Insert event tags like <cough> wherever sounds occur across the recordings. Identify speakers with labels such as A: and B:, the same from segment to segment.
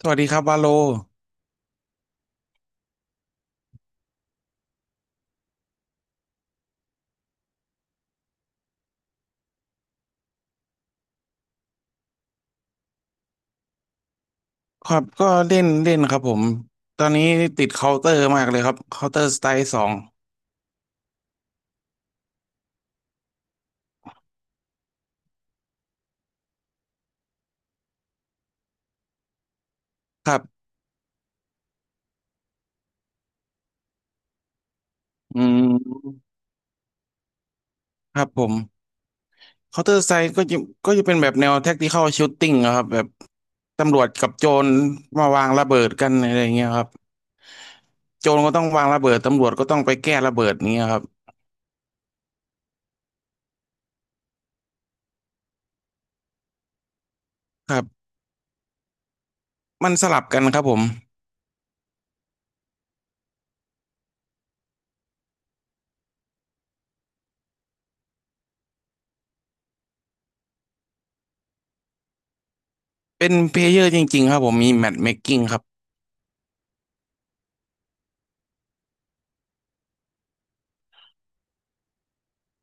A: สวัสดีครับวาโลครับก็เล่นเล่นครับผมตอนนี้ติดเคาน์เตอร์มากเลยครับเคาน์เตอร์สไตล์ 2ครับอืมครับผมเคาน์เตอร์สไตล์ก็จะเป็นแบบแนวแท็กติคอลชูตติ้งครับแบบตำรวจกับโจรมาวางระเบิดกันอะไรอย่างเงี้ยครับโจรก็ต้องวางระเบิดตำรวจก็ต้องไปแก้ระเบิดนี้ยครับครับมันสลับกันครับผมเป็นเพลเยอร์จริงๆครับผมมีแมทเมคกิ้งครับ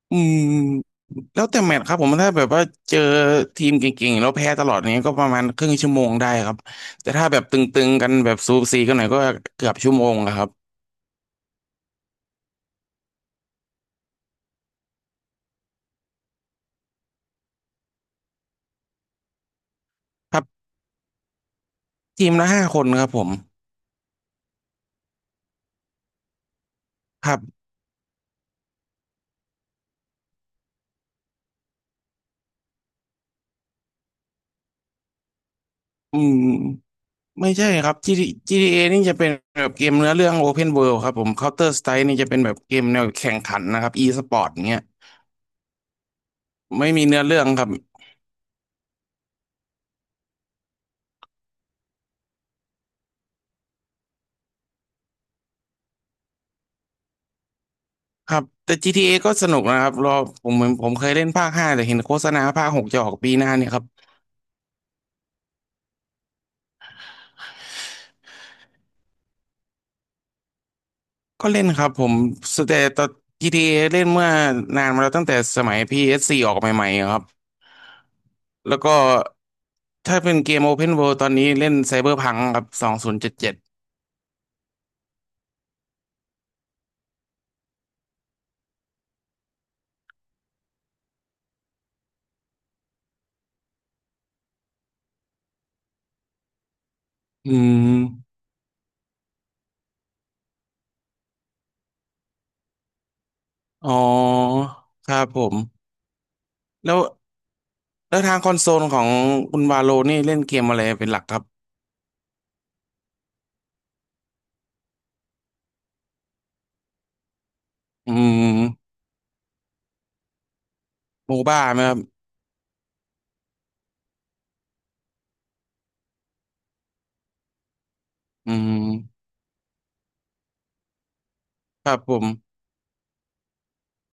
A: อืมแล้วแต่แมตช์ครับผมถ้าแบบว่าเจอทีมเก่งๆแล้วแพ้ตลอดเนี้ยก็ประมาณครึ่งชั่วโมงได้ครับแต่ถ้าแบบตึงๆกันแบบสูสีกันหน่อยก็เกือบชั่วโมงอะครับครับทีมละห้าคนครับผมครับอืมไม่ใช่ครับ GTA GTA นี่จะเป็นแบบเกมเนื้อเรื่อง Open World ครับผม Counter Strike นี่จะเป็นแบบเกมแนวแข่งขันนะครับ e-sport เงี้ยไม่มีเนื้อเรื่องครับครับแต่ GTA ก็สนุกนะครับรอผมผมผมเคยเล่นภาค 5แต่เห็นโฆษณาภาค 6จะออกปีหน้าเนี่ยครับ ก็เล่นครับผมสเตต GTA เอเล่นเมื่อนานมาแล้วตั้งแต่สมัย PS4 อสโฟร์ออกใหม่ๆครับแล้วก็ถ้าเป็นเกม Open World ตอนนี้เล่น Cyberpunk ครับ2077องพันเจ็ดสิบเจ็ดอืม อ๋อครับผมแล้วแล้วทางคอนโซลของคุณวาโลนี่เล่นเกมอะไรเป็นหลักครับ อืมโมบ้าไหมครับ อืม ครับผม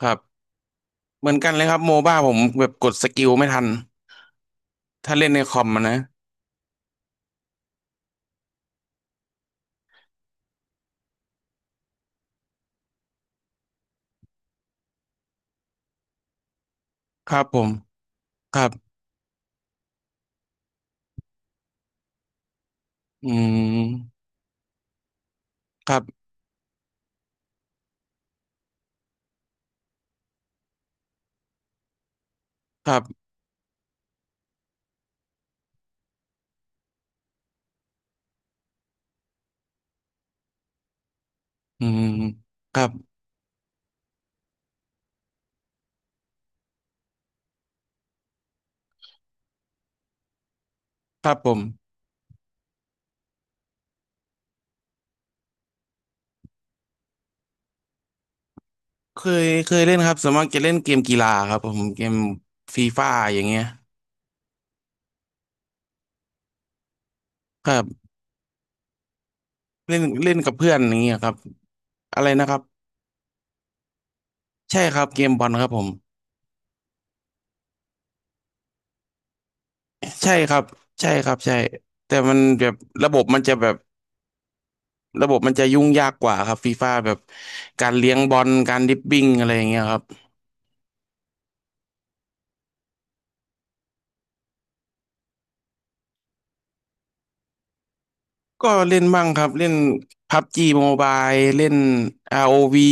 A: ครับ เหมือนกันเลยครับโมบ้าผมแบบกดสกิลไม่ทันถ้าเล่นในคอมอะนะครับผม ครับ อืม ครับครับอืมครับครับผมเคยเล่นครับส่วนมากจะเล่นเกมกีฬาครับผมเกมฟีฟ่าอย่างเงี้ยครับเล่นเล่นกับเพื่อนอย่างเงี้ยครับอะไรนะครับใช่ครับเกมบอลครับผมใช่ครับใช่ครับใช่แต่มันแบบระบบมันจะยุ่งยากกว่าครับฟีฟ่าแบบการเลี้ยงบอลการดริบบิ้งอะไรอย่างเงี้ยครับก็เล่นบ้างครับเล่นพับจีโมบาเล่น r วี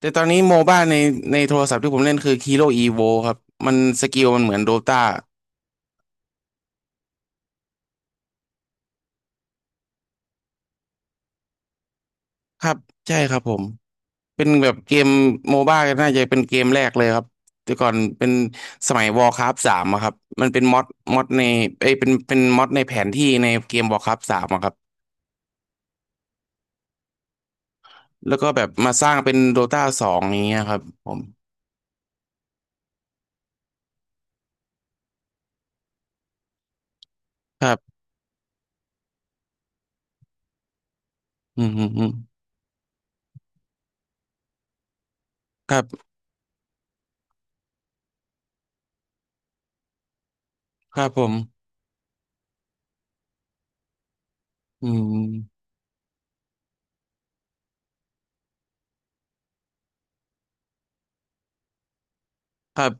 A: แต่ตอนนี้โมบ้าในโทรศัพท์ที่ผมเล่นคือ Hero Evo ครับมันสกิลมันเหมือนโดตาครับใช่ครับผมเป็นแบบเกมโมบ้าน่าจะเป็นเกมแรกเลยครับแต่ก่อนเป็นสมัย Warcraft สามอะครับมันเป็นม็อดในเอ้ยเป็นม็อดในแผนที่ในเกม Warcraft สามอะครับแล้วก็แบบมาสร้างเป็นโดตา 2อย่างเงี้ยครับผมครับอืมอืมอืมครับครับผมอืมครับ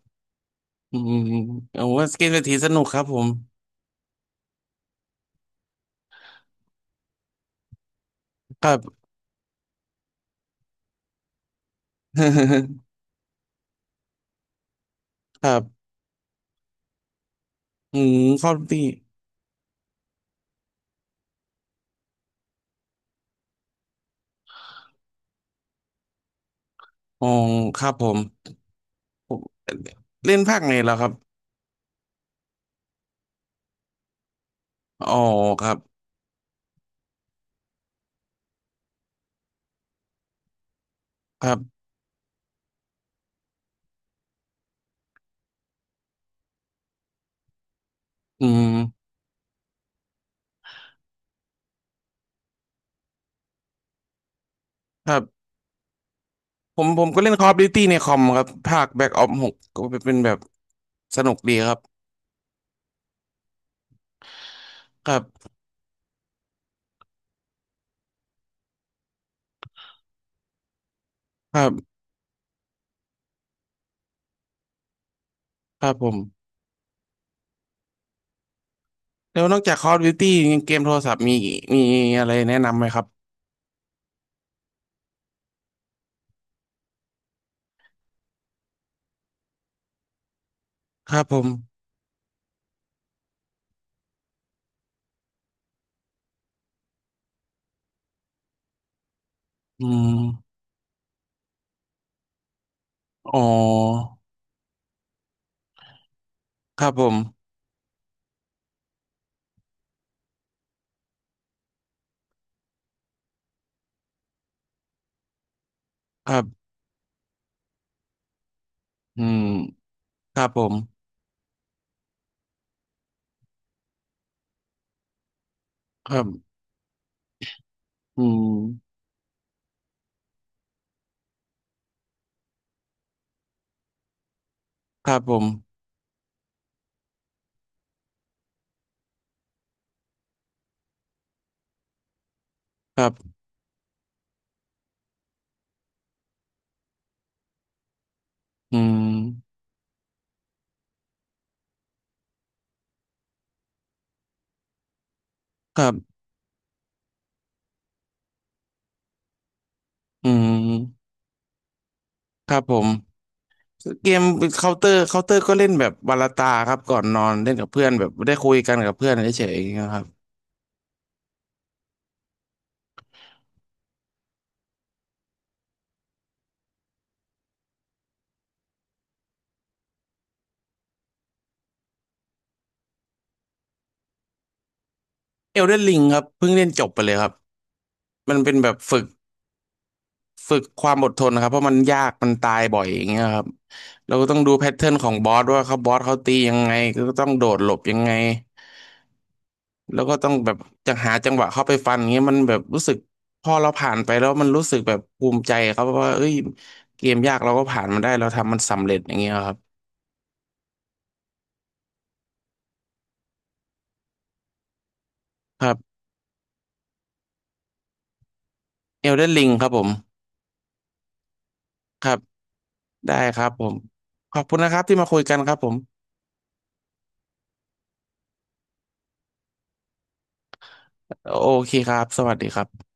A: อืมโอ้ว่าเกมเศรษฐีสนุกครับผมครับ <laughs> ครับ อืมคอลตี้อ๋อครับผมเล่นภาคไหนแล้วครับอ๋อครับครับอืมครับผมผมก็เล่นคอลดิวตี้ในคอมครับภาคแบ็กออฟหกก็เป็นแบบสนุกดีครับครับครับครับผมแล้วนอกจากคอลดิวตี้เกมโทรศัพท์มีอะไรแนะนำไหมครับครับผมอืมอ๋อครับผมครับอืมครับผมครับอืมครับผมครับอืมครับอืม ครับผมเกมเคาน์เตอร์ก็เล่นแบบวาลาตาครับก่อนนอนเล่นกับเพื่อนแบบได้คุยกันกับเพื่อนเฉยๆนยางเงี้ยครับเอลเดนลิงครับเพิ่งเล่นจบไปเลยครับมันเป็นแบบฝึกความอดทนนะครับเพราะมันยากมันตายบ่อยอย่างเงี้ยครับเราก็ต้องดูแพทเทิร์นของบอสว่าเขาบอสเขาตียังไงก็ต้องโดดหลบยังไงแล้วก็ต้องแบบจะหาจังหวะเข้าไปฟันเงี้ยมันแบบรู้สึกพอเราผ่านไปแล้วมันรู้สึกแบบภูมิใจครับว่าเอ้ยเกมยากเราก็ผ่านมันได้เราทำมันสำเร็จอย่างเงี้ยครับ เอลเดนลิงครับผม ครับ ได้ครับผม ขอบคุณนะครับที่มาคุยกันครับผม โอเคครับ สวัสดีครับ